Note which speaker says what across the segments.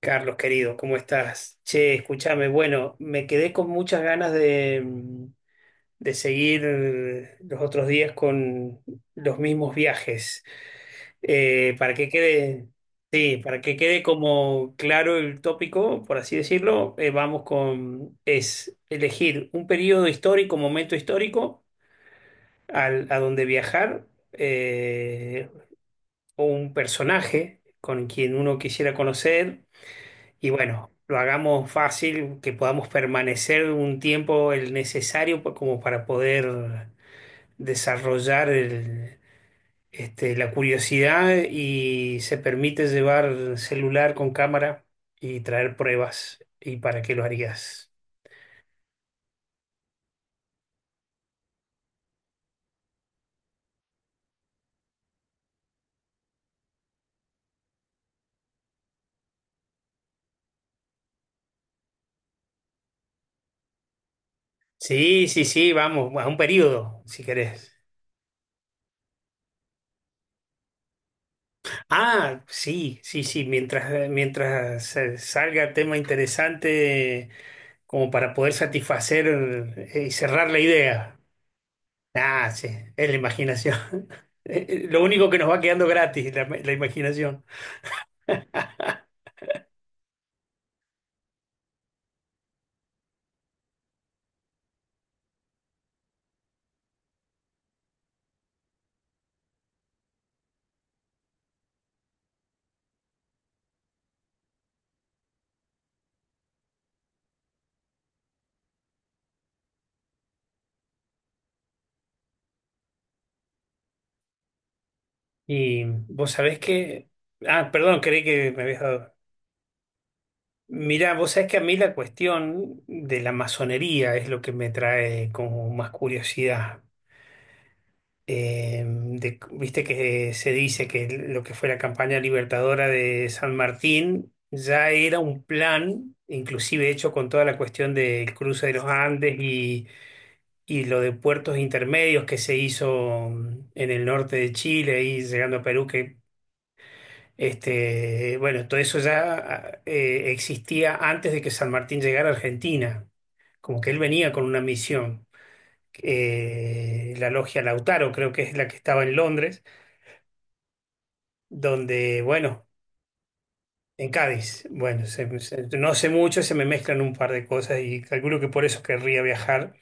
Speaker 1: Carlos, querido, ¿cómo estás? Che, escúchame, bueno, me quedé con muchas ganas de seguir los otros días con los mismos viajes. Para que quede, sí, para que quede como claro el tópico, por así decirlo, vamos con, es elegir un periodo histórico, momento histórico, a donde viajar, eh, o un personaje con quien uno quisiera conocer. Y bueno, lo hagamos fácil, que podamos permanecer un tiempo el necesario como para poder desarrollar este, la curiosidad, y se permite llevar celular con cámara y traer pruebas. ¿Y para qué lo harías? Sí, sí, sí, vamos, a un periodo, si querés. Ah, sí, sí, sí, mientras, mientras salga tema interesante, como para poder satisfacer y cerrar la idea. Ah, sí, es la imaginación. Lo único que nos va quedando gratis, la imaginación. Y vos sabés que... Ah, perdón, creí que me habías dado. Mirá, vos sabés que a mí la cuestión de la masonería es lo que me trae como más curiosidad. Viste que se dice que lo que fue la campaña libertadora de San Martín ya era un plan, inclusive hecho con toda la cuestión del cruce de los Andes. Y lo de puertos intermedios que se hizo, en el norte de Chile y llegando a Perú, que este, bueno, todo eso ya existía antes de que San Martín llegara a Argentina, como que él venía con una misión. La logia Lautaro, creo que es la que estaba en Londres, donde, bueno, en Cádiz, bueno, no sé mucho, se me mezclan un par de cosas y calculo que por eso querría viajar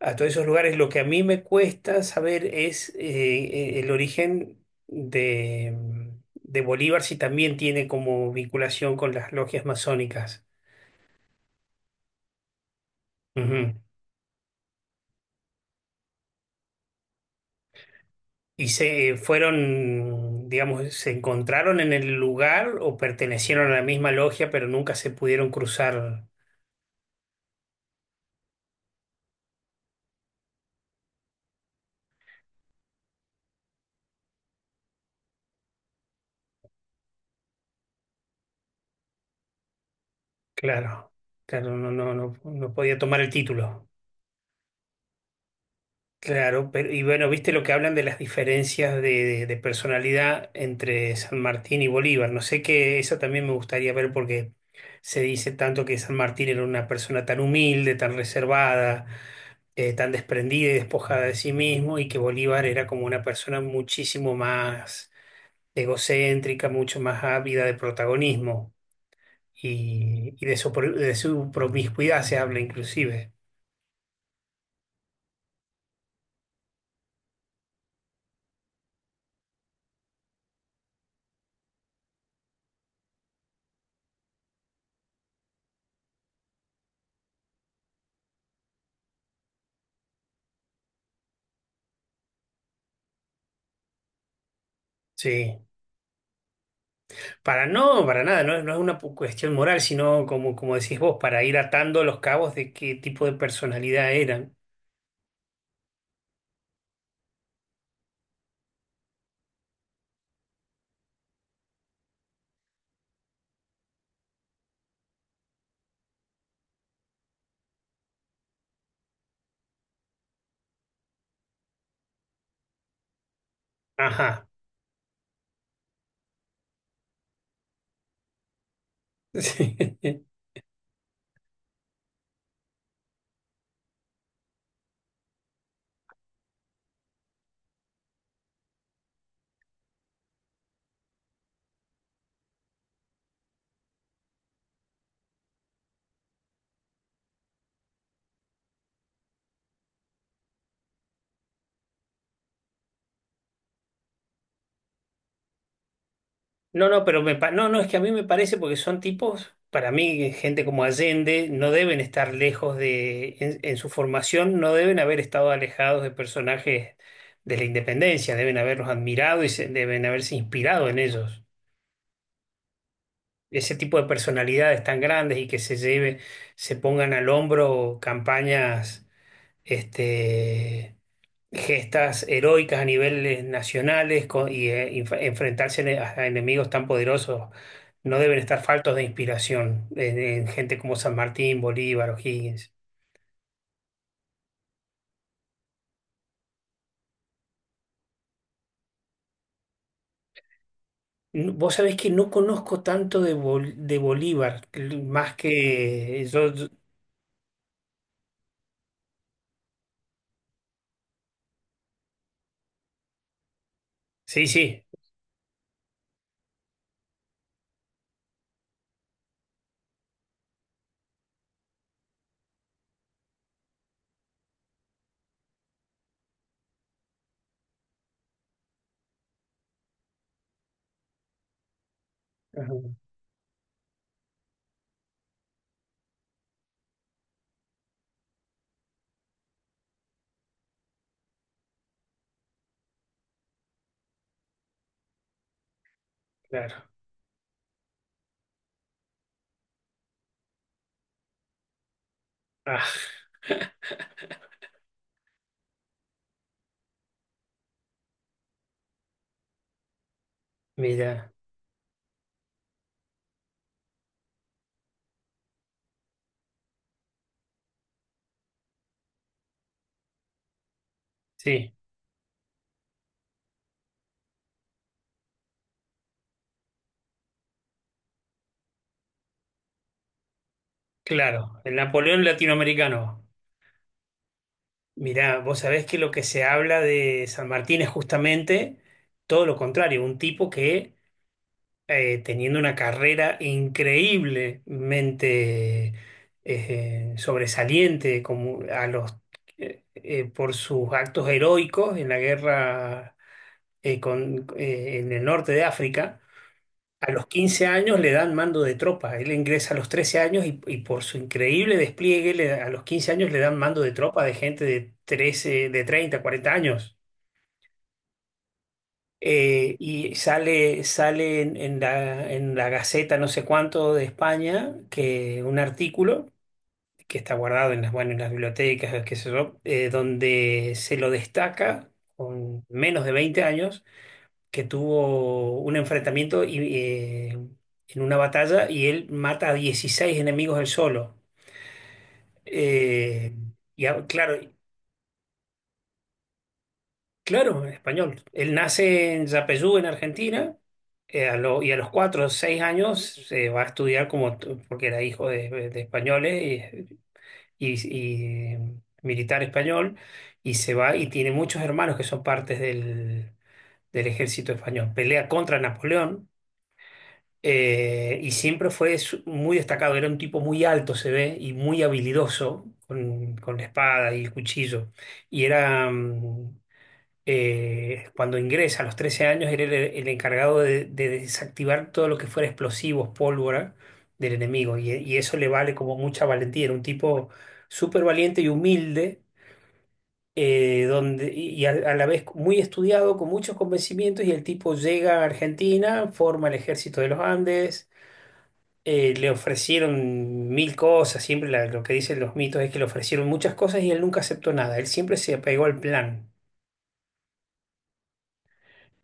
Speaker 1: a todos esos lugares. Lo que a mí me cuesta saber es el origen de, mm, de Bolívar, si también tiene como vinculación con las logias masónicas. Ujú. Y se fueron, digamos, se encontraron en el lugar o pertenecieron a la misma logia, pero nunca se pudieron cruzar. Claro, claro, no, no, no, no podía tomar el título. Claro, pero y bueno, viste lo que hablan de las diferencias de personalidad entre San Martín y Bolívar. No sé qué, eso también me gustaría ver porque se dice tanto que San Martín era una persona tan humilde, tan reservada, tan desprendida y despojada de sí mismo, y que Bolívar era como una persona muchísimo más egocéntrica, mucho más ávida de protagonismo y de su, de su promiscuidad se habla inclusive. Sí. Para no, para nada, no, no es una cuestión moral, sino como, como decís vos, para ir atando los cabos de qué tipo de personalidad eran. Ajá. Sí. No, no, pero me, no, no, es que a mí me parece porque son tipos, para mí, gente como Allende, no deben estar lejos de, en su formación, no deben haber estado alejados de personajes de la independencia, deben haberlos admirado y deben haberse inspirado en ellos. Ese tipo de personalidades tan grandes y que se lleve, se pongan al hombro campañas este, gestas heroicas a niveles nacionales enfrentarse a enemigos tan poderosos no deben estar faltos de inspiración en gente como San Martín, Bolívar, O'Higgins. Vos sabés que no conozco tanto de, de Bolívar, más que yo. Sí, sí. Ajá, claro. Ah, mira, sí, claro, el Napoleón latinoamericano. Mirá, vos sabés que lo que se habla de San Martín es justamente todo lo contrario, un tipo que teniendo una carrera increíblemente sobresaliente como a los, por sus actos heroicos en la guerra, en el norte de África. A los 15 años le dan mando de tropa. Él ingresa a los 13 años y por su increíble despliegue a los 15 años le dan mando de tropa de gente de 13, de 30, 40 años. Y sale, sale en la Gaceta no sé cuánto de España, que un artículo que está guardado en las, bueno, en las bibliotecas, qué sé yo, donde se lo destaca con menos de 20 años, que tuvo un enfrentamiento y, en una batalla y él mata a 16 enemigos él solo. Eh, claro, claro, en español. Él nace en Yapeyú, en Argentina, y a los 4 o 6 años se va a estudiar como, porque era hijo de españoles y, y militar español, y se va y tiene muchos hermanos que son partes del del ejército español. Pelea contra Napoleón. Y siempre muy destacado, era un tipo muy alto, se ve, y muy habilidoso con la espada y el cuchillo. Y era, cuando ingresa a los 13 años, era el encargado de desactivar todo lo que fuera explosivos, pólvora del enemigo. Y eso le vale como mucha valentía. Era un tipo súper valiente y humilde, donde, y a la vez muy estudiado, con muchos convencimientos. Y el tipo llega a Argentina, forma el ejército de los Andes. Le ofrecieron mil cosas, siempre lo que dicen los mitos es que le ofrecieron muchas cosas y él nunca aceptó nada, él siempre se apegó al plan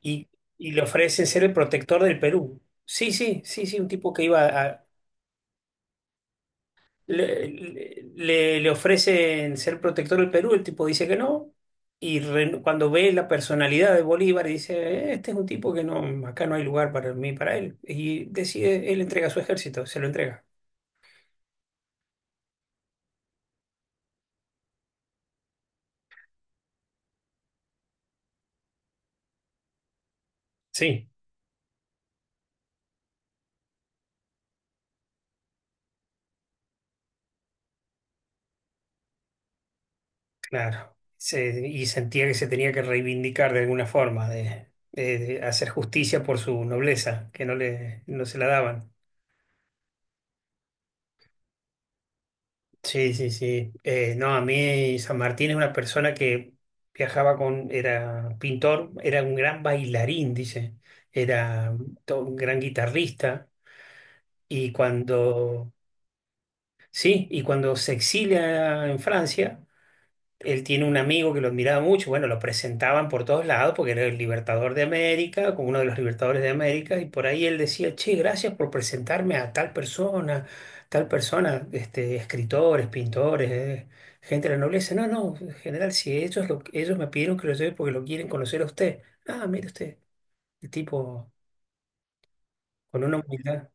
Speaker 1: y, y le ofrecen ser el protector del Perú. Sí, sí, sí, sí, un tipo que iba a... Le ofrecen ser protector del Perú, el tipo dice que no, cuando ve la personalidad de Bolívar dice, este es un tipo que no, acá no hay lugar para mí, para él", y decide, él entrega su ejército, se lo entrega. Sí. Claro. Y sentía que se tenía que reivindicar de alguna forma, de hacer justicia por su nobleza, que no le, no se la daban. Sí, sí, sí. No, a mí San Martín es una persona que viajaba con, era pintor, era un gran bailarín, dice, era un gran guitarrista. Y cuando, sí, y cuando se exilia en Francia, él tiene un amigo que lo admiraba mucho, bueno, lo presentaban por todos lados porque era el libertador de América, como uno de los libertadores de América, y por ahí él decía, che, gracias por presentarme a tal persona, este, escritores, pintores, gente de la nobleza. No, no, en general, si ellos, ellos me pidieron que lo lleve porque lo quieren conocer a usted. Ah, mire usted, el tipo con una humildad.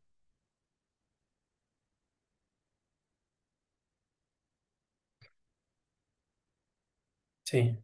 Speaker 1: Sí.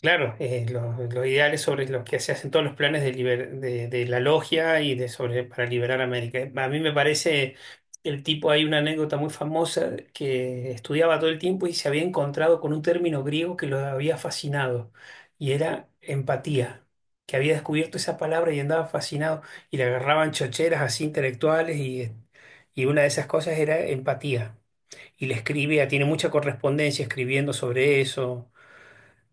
Speaker 1: Claro, lo ideal es sobre los que se hacen todos los planes de, de la logia y de sobre para liberar América. A mí me parece el tipo, hay una anécdota muy famosa que estudiaba todo el tiempo y se había encontrado con un término griego que lo había fascinado y era empatía, que había descubierto esa palabra y andaba fascinado y le agarraban chocheras así intelectuales y una de esas cosas era empatía. Y le escribía, tiene mucha correspondencia escribiendo sobre eso.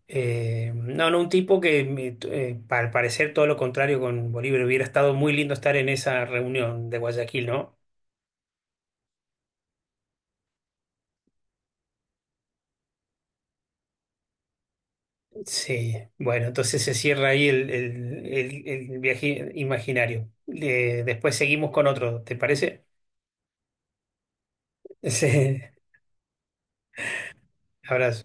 Speaker 1: No, un tipo que al parecer todo lo contrario con Bolívar. Hubiera estado muy lindo estar en esa reunión de Guayaquil, ¿no? Sí, bueno, entonces se cierra ahí el viaje imaginario. Después seguimos con otro, ¿te parece? Sí, abrazo.